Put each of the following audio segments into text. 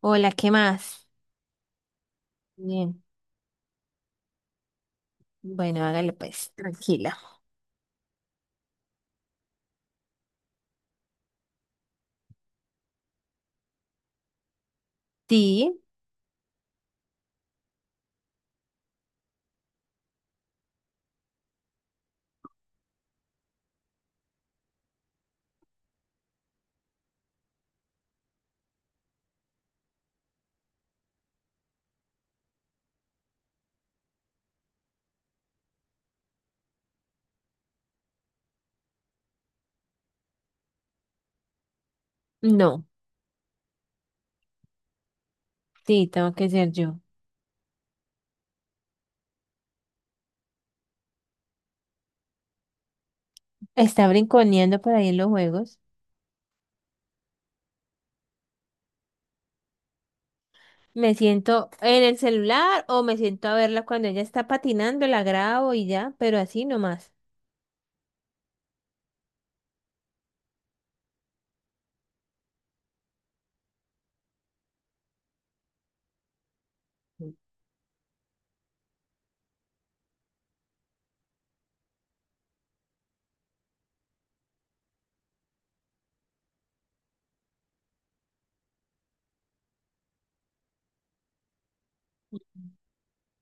Hola, ¿qué más? Bien. Bueno, hágale pues, tranquila. Sí, no, sí, tengo que ser yo. Está brinconeando por ahí en los juegos. Me siento en el celular o me siento a verla cuando ella está patinando, la grabo y ya, pero así nomás.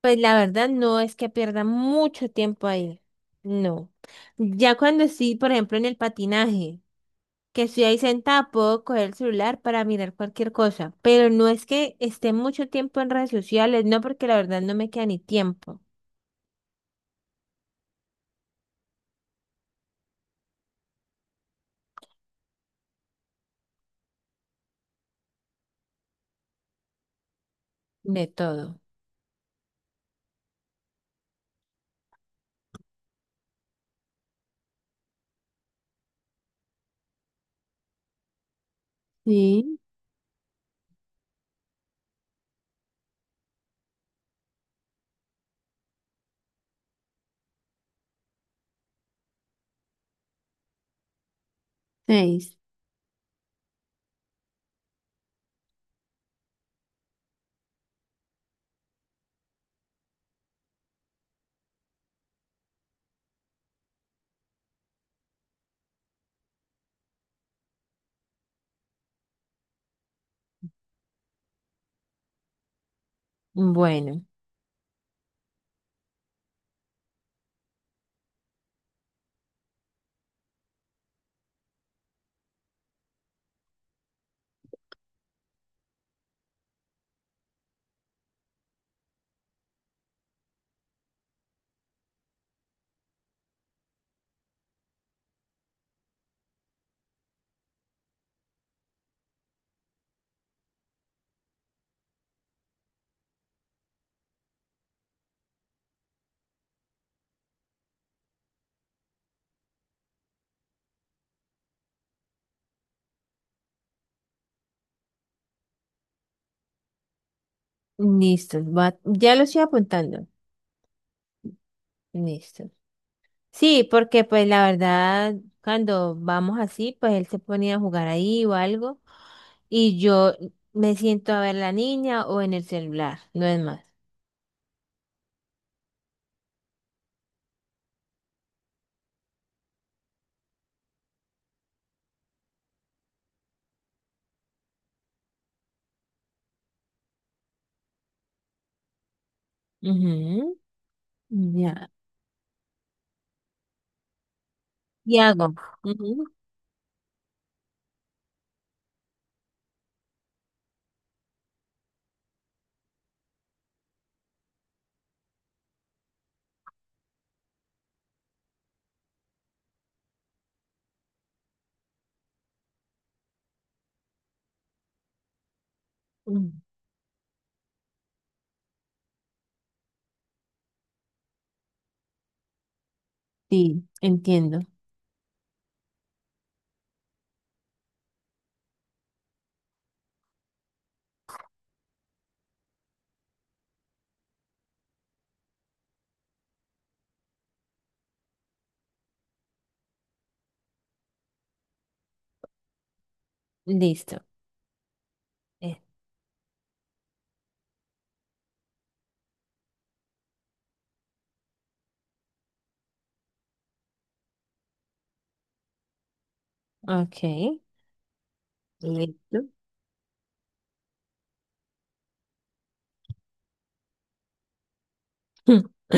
Pues la verdad no es que pierda mucho tiempo ahí. No. Ya cuando sí, por ejemplo, en el patinaje. Que estoy ahí sentada, puedo coger el celular para mirar cualquier cosa, pero no es que esté mucho tiempo en redes sociales, no, porque la verdad no me queda ni tiempo de todo. Sí, seis. Bueno, listo, ya lo estoy apuntando, listo. Sí, porque pues la verdad, cuando vamos así, pues él se ponía a jugar ahí o algo, y yo me siento a ver la niña o en el celular, no es más. Ujú. Ya. Y hago. Ujú. Sí, entiendo. Listo. Eh, Ok, listo.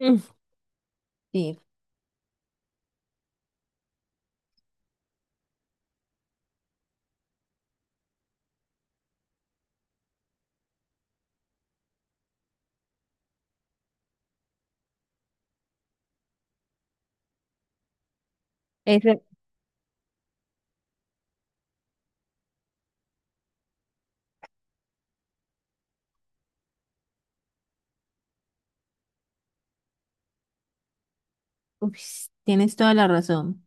Mm, sí, ese- ups, tienes toda la razón.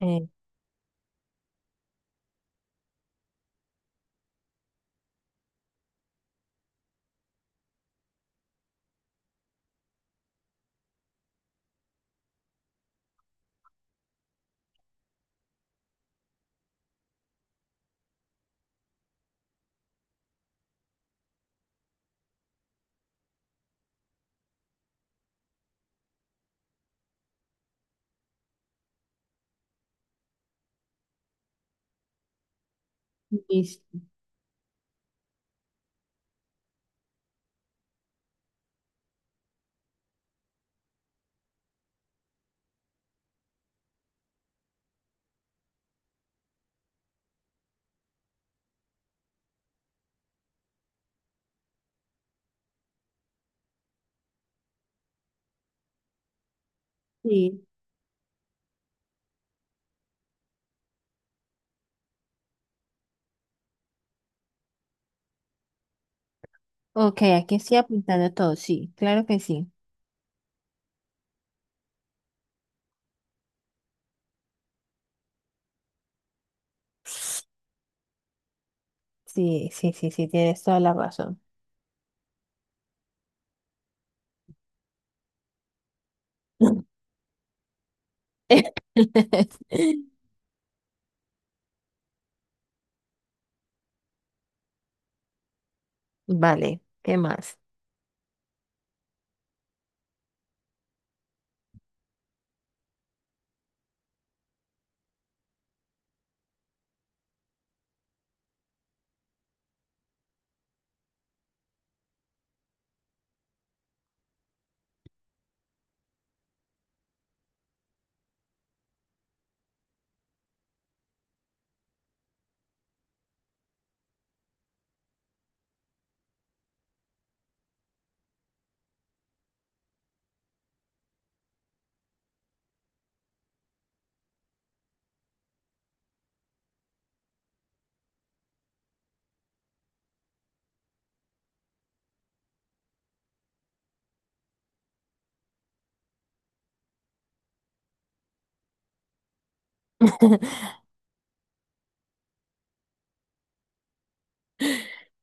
Eh, Listo. Sí. Ok, aquí estoy apuntando todo. Sí, claro que sí. Sí, sí, sí, sí, tienes toda la razón. Vale, ¿qué más?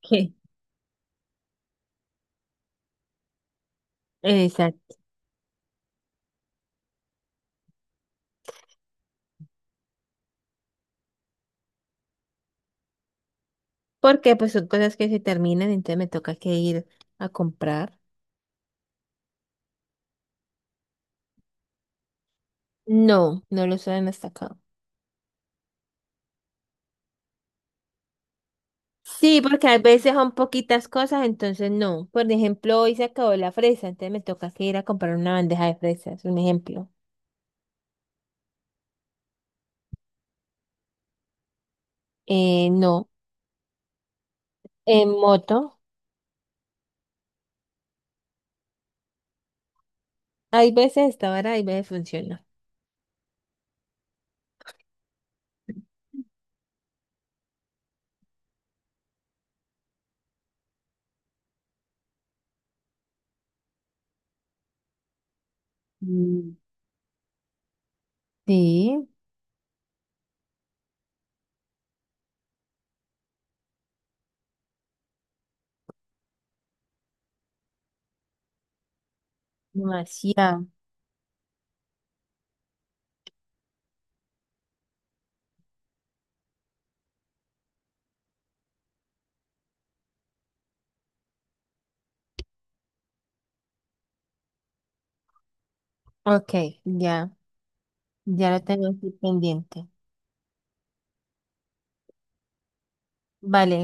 ¿Qué? Exacto. Porque pues son cosas que se terminan, entonces me toca que ir a comprar. No, no lo saben hasta acá. Sí, porque a veces son poquitas cosas, entonces no. Por ejemplo, hoy se acabó la fresa, entonces me toca que ir a comprar una bandeja de fresas, un ejemplo. No, en moto, hay veces está barata, hay veces funciona. Mm, sí, demasiado. Ok, ya, ya lo tengo aquí pendiente. Vale.